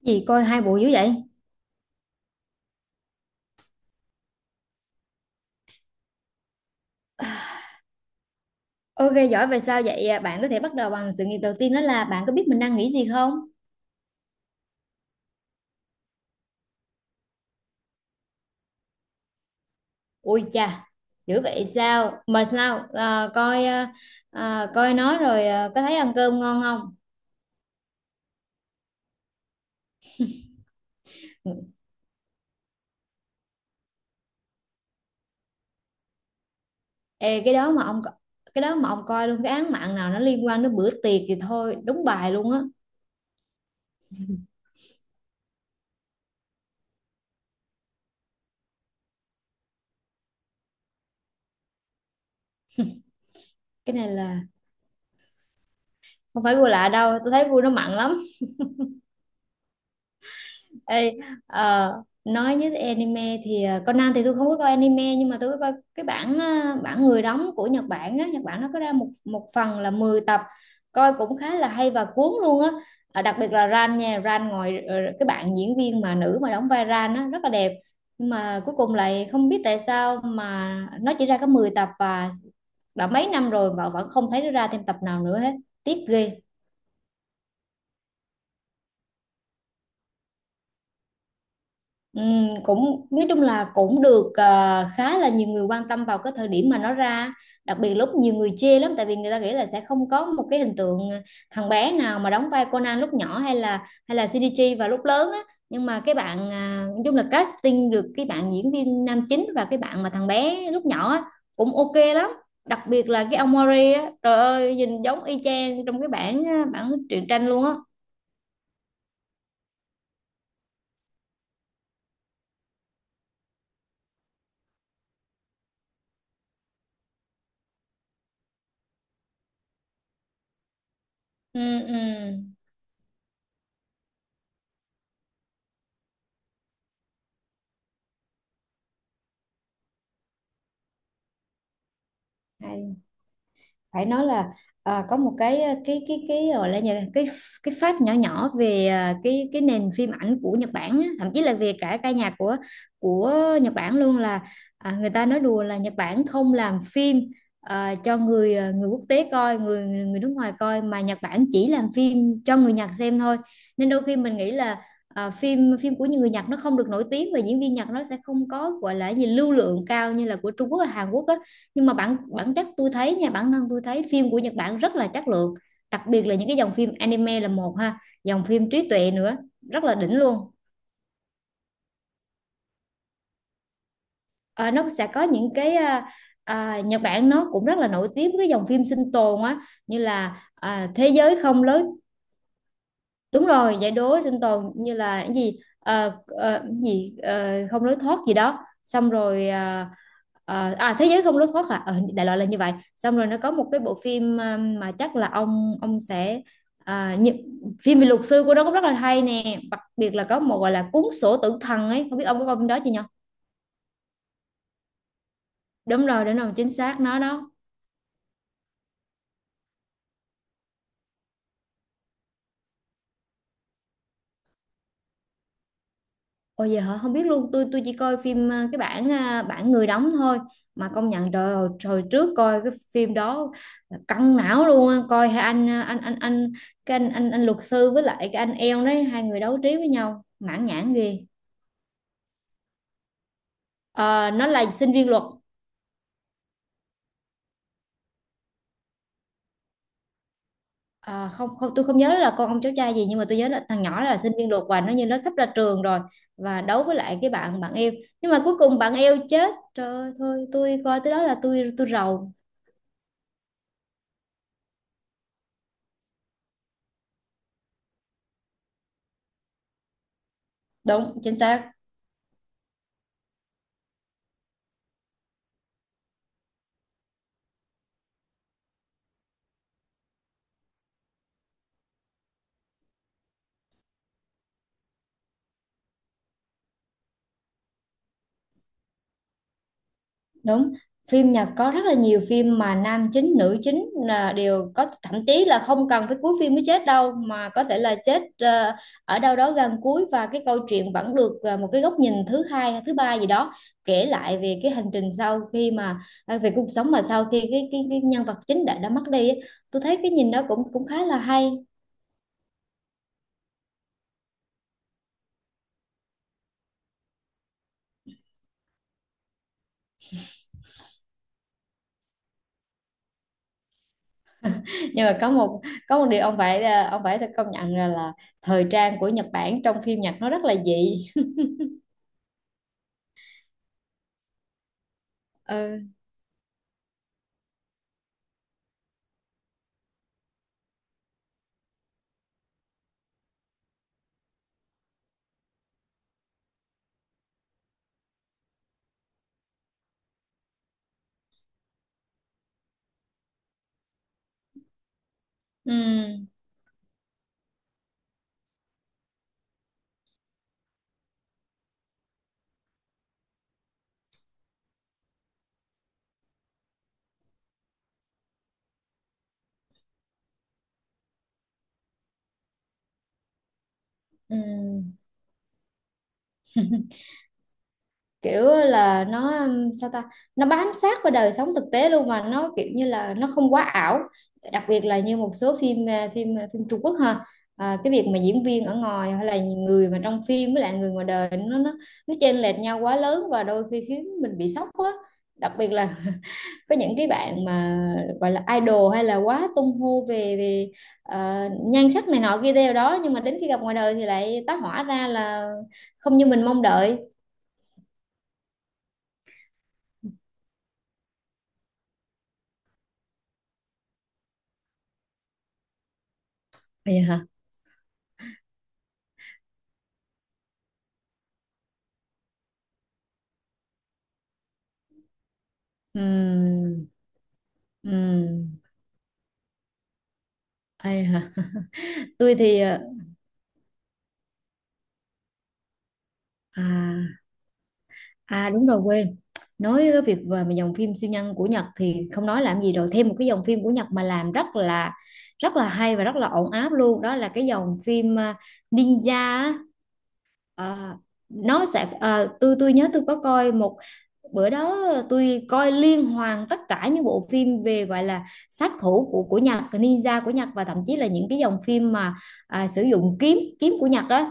Gì coi hai bộ dữ vậy? Ok giỏi vậy sao vậy? À? Bạn có thể bắt đầu bằng sự nghiệp đầu tiên đó là bạn có biết mình đang nghĩ gì không? Ui chà, dữ vậy sao? Mà sao à, coi à, coi nó rồi à, có thấy ăn cơm ngon không? Ê, cái đó mà ông coi luôn cái án mạng nào nó liên quan đến bữa tiệc thì thôi đúng bài luôn á. Cái này là không phải gu lạ đâu, tôi thấy gu nó mặn lắm. Ê, ờ, nói như anime thì Conan thì tôi không có coi anime, nhưng mà tôi có coi cái bản bản người đóng của Nhật Bản á. Nhật Bản nó có ra một một phần là 10 tập. Coi cũng khá là hay và cuốn luôn á. Đặc biệt là Ran nha, Ran cái bạn diễn viên mà nữ mà đóng vai Ran á rất là đẹp. Nhưng mà cuối cùng lại không biết tại sao mà nó chỉ ra có 10 tập và đã mấy năm rồi mà vẫn không thấy nó ra thêm tập nào nữa hết. Tiếc ghê. Cũng nói chung là cũng được, khá là nhiều người quan tâm vào cái thời điểm mà nó ra. Đặc biệt lúc nhiều người chê lắm, tại vì người ta nghĩ là sẽ không có một cái hình tượng thằng bé nào mà đóng vai Conan lúc nhỏ, hay là CDG vào lúc lớn á. Nhưng mà cái bạn à, nói chung là casting được cái bạn diễn viên nam chính và cái bạn mà thằng bé lúc nhỏ á, cũng ok lắm. Đặc biệt là cái ông Mori á, trời ơi nhìn giống y chang trong cái bản bản truyện tranh luôn á. Ừ ừ phải nói là à, có một cái gọi là nhà- cái fact nhỏ nhỏ về à, cái nền phim ảnh của Nhật Bản á, thậm chí là về cả ca nhạc của Nhật Bản luôn là à, người ta nói đùa là Nhật Bản không làm phim cho người người quốc tế coi, người người nước ngoài coi, mà Nhật Bản chỉ làm phim cho người Nhật xem thôi. Nên đôi khi mình nghĩ là à, phim phim của những người Nhật nó không được nổi tiếng, và diễn viên Nhật nó sẽ không có gọi là gì lưu lượng cao như là của Trung Quốc và Hàn Quốc á. Nhưng mà bản bản chất tôi thấy nha, bản thân tôi thấy phim của Nhật Bản rất là chất lượng. Đặc biệt là những cái dòng phim anime là một ha, dòng phim trí tuệ nữa, rất là đỉnh luôn. Ờ, nó sẽ có những cái Nhật Bản nó cũng rất là nổi tiếng với cái dòng phim sinh tồn á, như là thế giới không lối. Đúng rồi, giải đố sinh tồn, như là cái gì cái gì không lối thoát gì đó, xong rồi à, thế giới không lối thoát à. Ờ, đại loại là như vậy, xong rồi nó có một cái bộ phim mà chắc là ông sẽ à, như, phim về luật sư của nó cũng rất là hay nè. Đặc biệt là có một gọi là cuốn sổ tử thần ấy, không biết ông có coi phim đó chưa nhỉ? Đúng rồi, đúng rồi, chính xác nó đó. Ôi giờ hả, không biết luôn. Tôi chỉ coi phim bản người đóng thôi. Mà công nhận trời ơi, hồi trước coi cái phim đó là căng não luôn á. Coi hai anh cái anh luật sư với lại cái anh eo đấy, hai người đấu trí với nhau mãn nhãn ghê. Ờ, nó là sinh viên luật. Ờ, không, không, tôi không nhớ là con ông cháu trai gì, nhưng mà tôi nhớ là thằng nhỏ là sinh viên luật và nó như nó sắp ra trường rồi. Và đấu với lại cái bạn bạn eo. Nhưng mà cuối cùng bạn eo chết, trời ơi, thôi tôi coi tới đó là tôi rầu. Đúng chính xác đúng. Phim Nhật có rất là nhiều phim mà nam chính nữ chính là đều có, thậm chí là không cần phải cuối phim mới chết đâu, mà có thể là chết ở đâu đó gần cuối, và cái câu chuyện vẫn được một cái góc nhìn thứ hai hay thứ ba gì đó kể lại về cái hành trình sau khi mà à, về cuộc sống mà sau khi cái nhân vật chính đã mất đi ấy. Tôi thấy cái nhìn đó cũng cũng khá là hay. Nhưng mà có một điều ông phải ông phải công nhận là, thời trang của Nhật Bản trong phim Nhật nó rất là dị. Ừ. Ừ. Ừ. Kiểu là nó sao ta, nó bám sát vào đời sống thực tế luôn mà nó kiểu như là nó không quá ảo. Đặc biệt là như một số phim phim Trung Quốc ha. À, cái việc mà diễn viên ở ngoài hay là người mà trong phim với lại người ngoài đời nó chênh lệch nhau quá lớn, và đôi khi khiến mình bị sốc quá. Đặc biệt là có những cái bạn mà gọi là idol hay là quá tung hô về về ờ, nhan sắc này nọ kia theo đó, nhưng mà đến khi gặp ngoài đời thì lại tá hỏa ra là không như mình mong đợi. Vậy. Ừm, ừm, ai hả? Tôi thì à đúng rồi quên. Nói cái việc về mà dòng phim siêu nhân của Nhật thì không nói làm gì rồi, thêm một cái dòng phim của Nhật mà làm rất là hay và rất là ổn áp luôn, đó là cái dòng phim Ninja á. Ờ, nó sẽ ờ, tôi nhớ tôi có coi một bữa đó tôi coi liên hoàn tất cả những bộ phim về gọi là sát thủ của Nhật, ninja của Nhật, và thậm chí là những cái dòng phim mà sử dụng kiếm kiếm của Nhật á.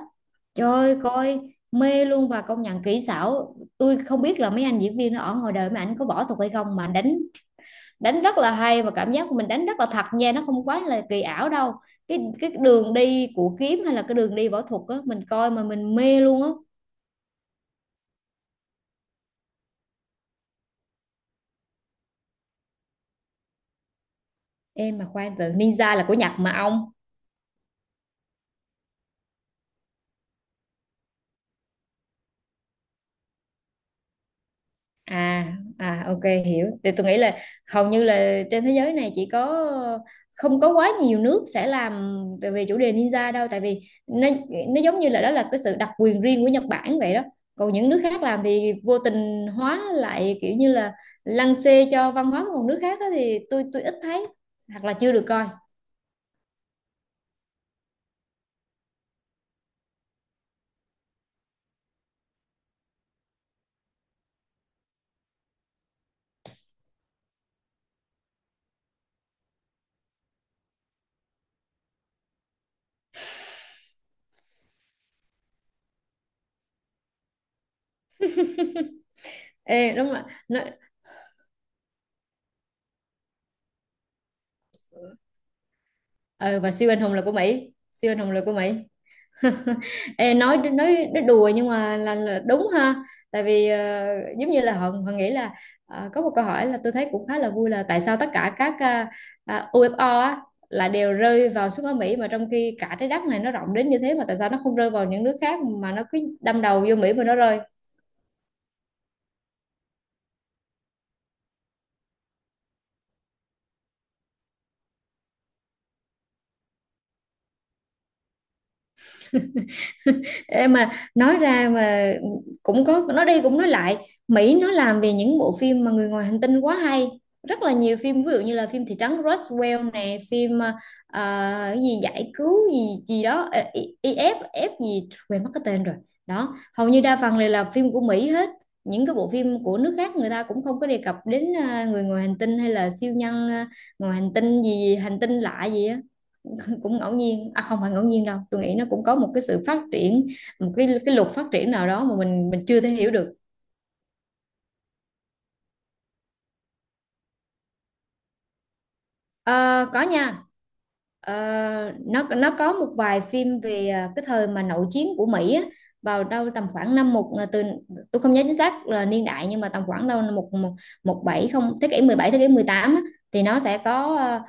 Trời ơi, coi mê luôn, và công nhận kỹ xảo, tôi không biết là mấy anh diễn viên ở ngoài đời mà ảnh có võ thuật hay không mà đánh đánh rất là hay, và cảm giác của mình đánh rất là thật nha, nó không quá là kỳ ảo đâu. Cái đường đi của kiếm hay là cái đường đi võ thuật á, mình coi mà mình mê luôn á. Em mà khoan, từ ninja là của Nhật mà ông. À, ok hiểu. Thì tôi nghĩ là hầu như là trên thế giới này chỉ có, không có quá nhiều nước sẽ làm về chủ đề ninja đâu. Tại vì nó nó giống như là đó là cái sự đặc quyền riêng của Nhật Bản vậy đó. Còn những nước khác làm thì vô tình hóa lại kiểu như là lăng xê cho văn hóa của một nước khác đó, thì tôi ít thấy, hoặc là chưa được coi. Ê đúng rồi. Nó, ờ, và siêu anh hùng là của Mỹ, siêu anh hùng là của Mỹ. Ê, nói đùa nhưng mà là đúng ha. Tại vì giống như là họ họ nghĩ là có một câu hỏi là tôi thấy cũng khá là vui là tại sao tất cả các UFO á là đều rơi vào xuống ở Mỹ, mà trong khi cả trái đất này nó rộng đến như thế mà tại sao nó không rơi vào những nước khác mà nó cứ đâm đầu vô Mỹ mà nó rơi. Ê mà nói ra mà cũng có nói đi cũng nói lại, Mỹ nó làm về những bộ phim mà người ngoài hành tinh quá hay, rất là nhiều phim, ví dụ như là phim thị trấn Roswell nè, phim cái gì giải cứu gì gì đó IF F gì quên mất cái tên rồi. Đó, hầu như đa phần đều là phim của Mỹ hết. Những cái bộ phim của nước khác người ta cũng không có đề cập đến người ngoài hành tinh hay là siêu nhân, ngoài hành tinh gì, hành tinh lạ gì á. Cũng ngẫu nhiên à, không phải ngẫu nhiên đâu, tôi nghĩ nó cũng có một cái sự phát triển, một cái luật phát triển nào đó mà mình chưa thể hiểu được. Ờ, có nha. Ờ, nó có một vài phim về cái thời mà nội chiến của Mỹ á, vào đâu tầm khoảng năm một à, từ tôi không nhớ chính xác là niên đại, nhưng mà tầm khoảng đâu năm một một một bảy không, thế kỷ 17, thế kỷ 18 á. Thì nó sẽ có ờ,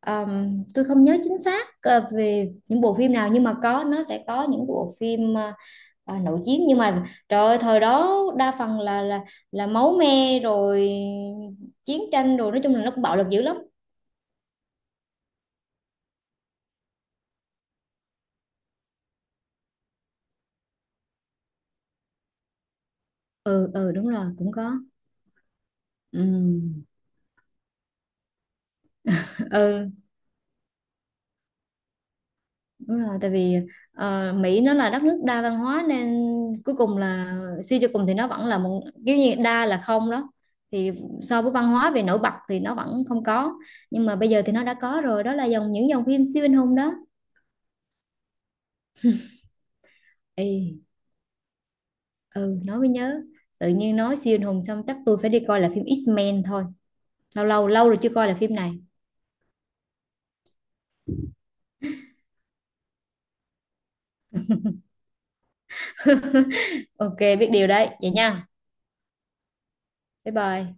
ờm, tôi không nhớ chính xác về những bộ phim nào, nhưng mà có, nó sẽ có những bộ phim à nổi tiếng, nhưng mà trời ơi, thời đó đa phần là máu me rồi, chiến tranh rồi, nói chung là nó cũng bạo lực dữ lắm. Ừ. Ừ đúng rồi cũng có. Ừ. Ừ đúng rồi. Tại vì Mỹ nó là đất nước đa văn hóa, nên cuối cùng là, suy cho cùng thì nó vẫn là một kiểu như đa là không đó, thì so với văn hóa về nổi bật thì nó vẫn không có. Nhưng mà bây giờ thì nó đã có rồi, đó là dòng những dòng phim siêu anh hùng đó. Ừ. Ừ nói mới nhớ, tự nhiên nói siêu anh hùng xong chắc tôi phải đi coi lại phim X-Men thôi, lâu lâu lâu rồi chưa coi lại phim này. Ok biết điều đấy vậy nha. Bye bye.